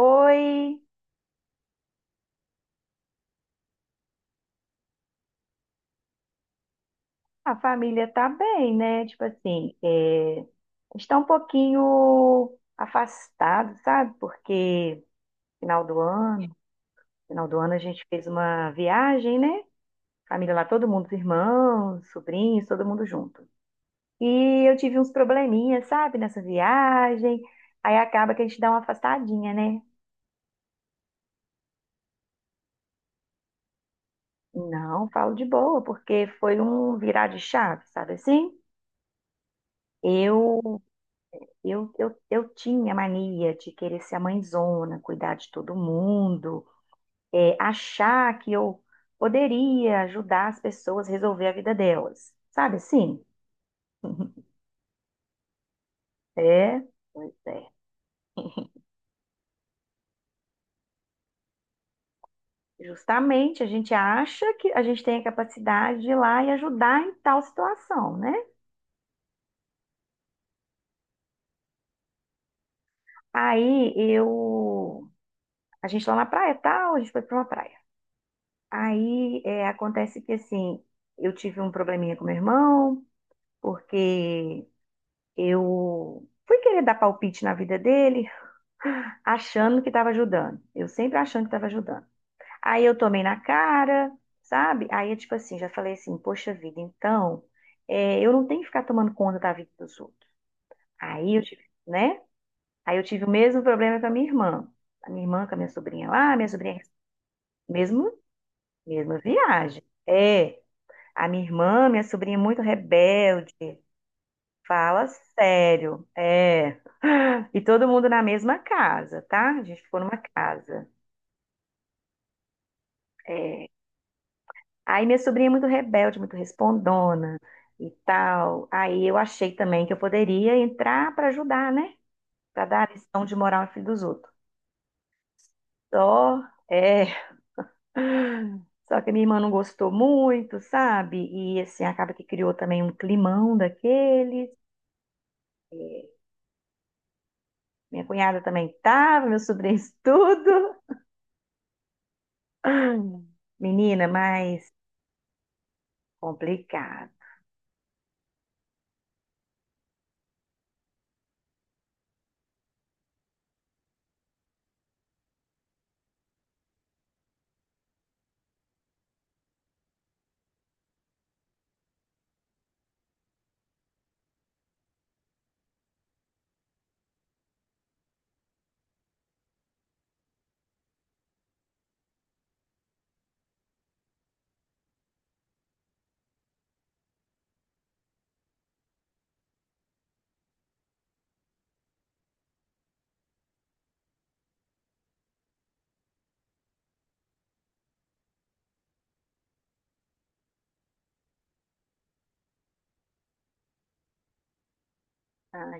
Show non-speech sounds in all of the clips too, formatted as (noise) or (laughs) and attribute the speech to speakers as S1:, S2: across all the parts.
S1: Oi, a família tá bem, né? Tipo assim, está um pouquinho afastado, sabe? Porque final do ano, final do ano a gente fez uma viagem, né? Família lá, todo mundo, os irmãos, sobrinhos, todo mundo junto. E eu tive uns probleminhas, sabe, nessa viagem. Aí acaba que a gente dá uma afastadinha, né? Não, falo de boa, porque foi um virar de chave, sabe assim? Eu eu tinha mania de querer ser a mãezona, cuidar de todo mundo, achar que eu poderia ajudar as pessoas a resolver a vida delas. Sabe assim? (laughs) É, pois é. Justamente a gente acha que a gente tem a capacidade de ir lá e ajudar em tal situação, né? Aí eu. A gente lá na praia, tal, a gente foi pra uma praia. Acontece que assim, eu tive um probleminha com meu irmão, porque eu fui querer dar palpite na vida dele, achando que estava ajudando. Eu sempre achando que estava ajudando. Aí eu tomei na cara, sabe? Aí eu, tipo assim, já falei assim, poxa vida, eu não tenho que ficar tomando conta da vida dos outros. Aí eu tive, né? Aí eu tive o mesmo problema com a minha irmã. A minha irmã com a minha sobrinha lá, minha sobrinha, mesmo, mesma viagem. É, a minha irmã, minha sobrinha muito rebelde. Fala sério, é. E todo mundo na mesma casa, tá? A gente ficou numa casa. É. Aí minha sobrinha é muito rebelde, muito respondona e tal. Aí eu achei também que eu poderia entrar pra ajudar, né? Pra dar a lição de moral ao filho dos outros. Só, é. (laughs) Só que minha irmã não gostou muito, sabe? E assim, acaba que criou também um climão daqueles. É, minha cunhada também tava, meus sobrinhos (laughs) tudo. (clears throat) Ah, menina, mas complicada.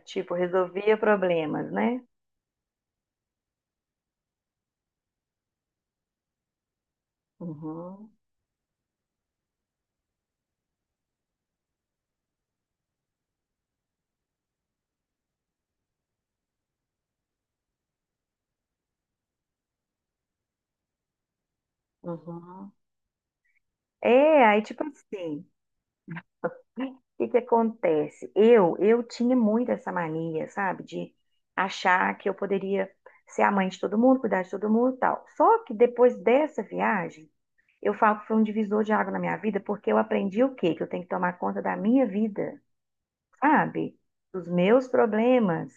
S1: Tipo, resolvia problemas, né? Uhum, uhum. É, aí tipo assim, o que que acontece? Eu tinha muito essa mania, sabe? De achar que eu poderia ser a mãe de todo mundo, cuidar de todo mundo e tal. Só que depois dessa viagem, eu falo que foi um divisor de água na minha vida, porque eu aprendi o quê? Que eu tenho que tomar conta da minha vida. Sabe? Dos meus problemas.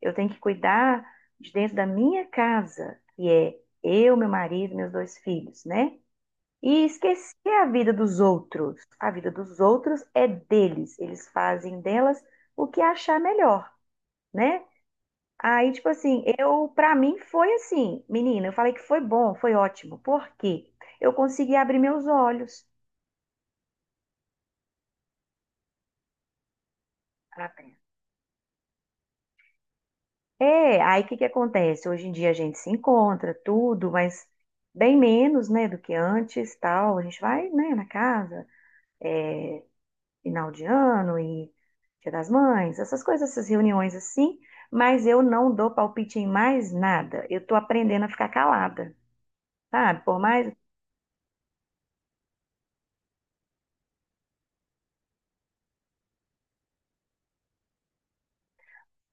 S1: Eu tenho que cuidar de dentro da minha casa, que é eu, meu marido, meus dois filhos, né? E esquecer a vida dos outros. A vida dos outros é deles. Eles fazem delas o que achar melhor, né? Aí, tipo assim, eu, pra mim foi assim, menina, eu falei que foi bom, foi ótimo. Por quê? Eu consegui abrir meus olhos. É, aí o que que acontece? Hoje em dia a gente se encontra, tudo, mas bem menos, né, do que antes, tal. A gente vai, né, na casa, é, final de ano e Dia das Mães, essas coisas, essas reuniões assim, mas eu não dou palpite em mais nada. Eu tô aprendendo a ficar calada, sabe? Por mais...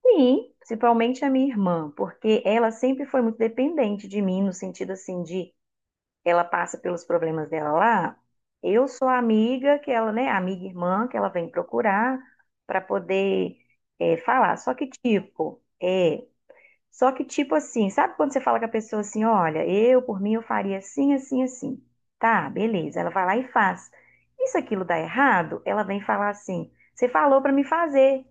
S1: Sim, principalmente a minha irmã, porque ela sempre foi muito dependente de mim, no sentido, assim, de ela passa pelos problemas dela lá, eu sou a amiga que ela, né, amiga e irmã que ela vem procurar para poder falar. Só que tipo assim, sabe quando você fala com a pessoa assim, olha, eu por mim eu faria assim, assim, assim. Tá, beleza. Ela vai lá e faz. E se aquilo dá errado, ela vem falar assim, você falou para me fazer,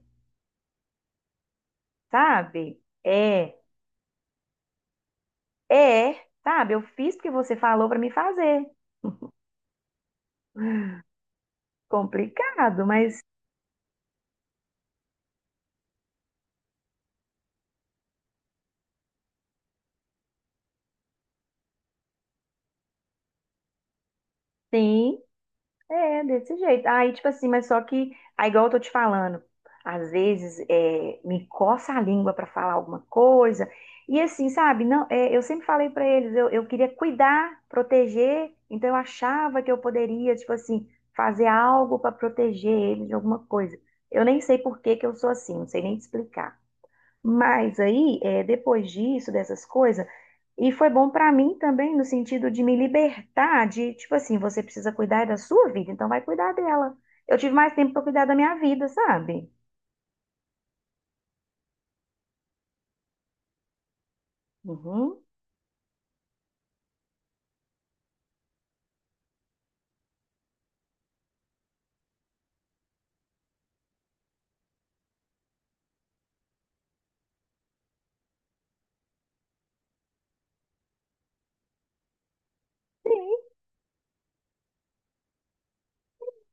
S1: sabe? Sabe? Eu fiz porque você falou para me fazer. Complicado, mas sim. É, desse jeito. Aí, tipo assim, mas só que, aí, igual eu tô te falando, às vezes me coça a língua pra falar alguma coisa. E assim, sabe? Não, é, eu sempre falei pra eles, eu queria cuidar, proteger, então eu achava que eu poderia, tipo assim, fazer algo pra proteger eles de alguma coisa. Eu nem sei por que que eu sou assim, não sei nem te explicar. Mas aí, depois disso, dessas coisas, e foi bom pra mim também no sentido de me libertar de, tipo assim, você precisa cuidar da sua vida, então vai cuidar dela. Eu tive mais tempo pra cuidar da minha vida, sabe? Uhum. Sim.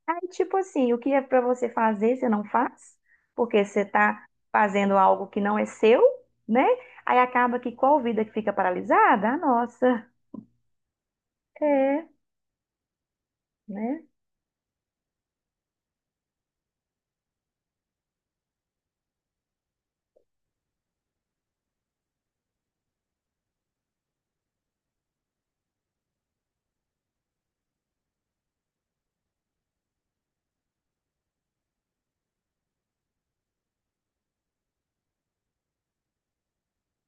S1: Aí, tipo assim, o que é pra você fazer, você não faz, porque você tá fazendo algo que não é seu, né? Aí acaba que qual vida que fica paralisada? A nossa. É, né?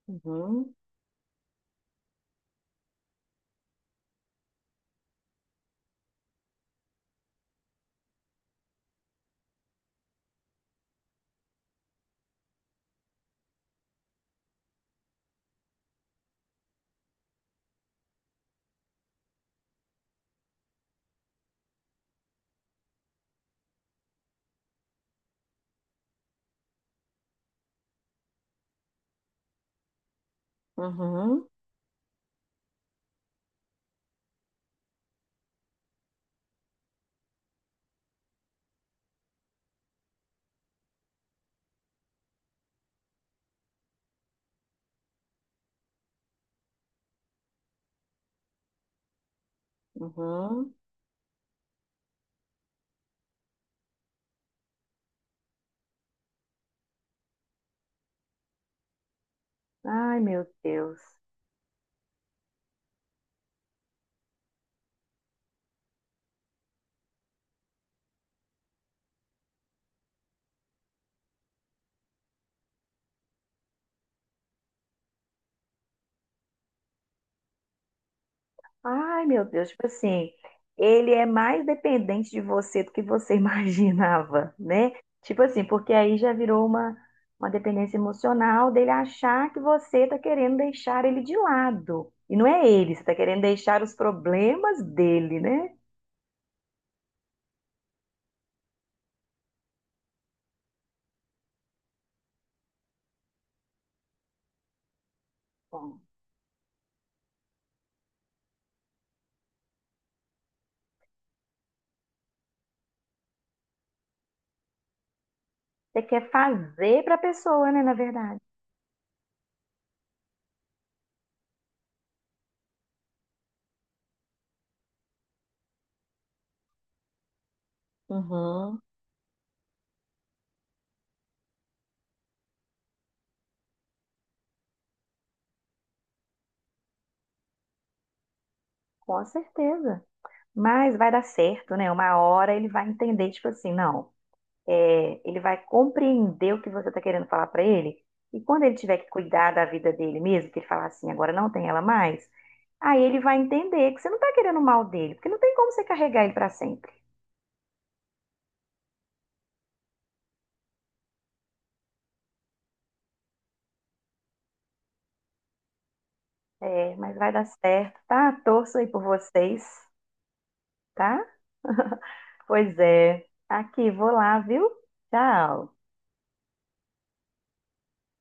S1: Uhum, uhum, uhum. Ai, meu Deus. Ai, meu Deus, tipo assim, ele é mais dependente de você do que você (laughs) imaginava, né? Tipo assim, porque aí já virou uma dependência emocional dele achar que você tá querendo deixar ele de lado. E não é ele, você tá querendo deixar os problemas dele, né? Bom, você quer fazer pra pessoa, né, na verdade. Uhum, com certeza. Mas vai dar certo, né? Uma hora ele vai entender, tipo assim, não. É, ele vai compreender o que você está querendo falar para ele. E quando ele tiver que cuidar da vida dele mesmo, que ele falar assim, agora não tem ela mais, aí ele vai entender que você não está querendo o mal dele, porque não tem como você carregar ele para sempre. É, mas vai dar certo, tá? Torço aí por vocês, tá? Pois é. Aqui, vou lá, viu? Tchau.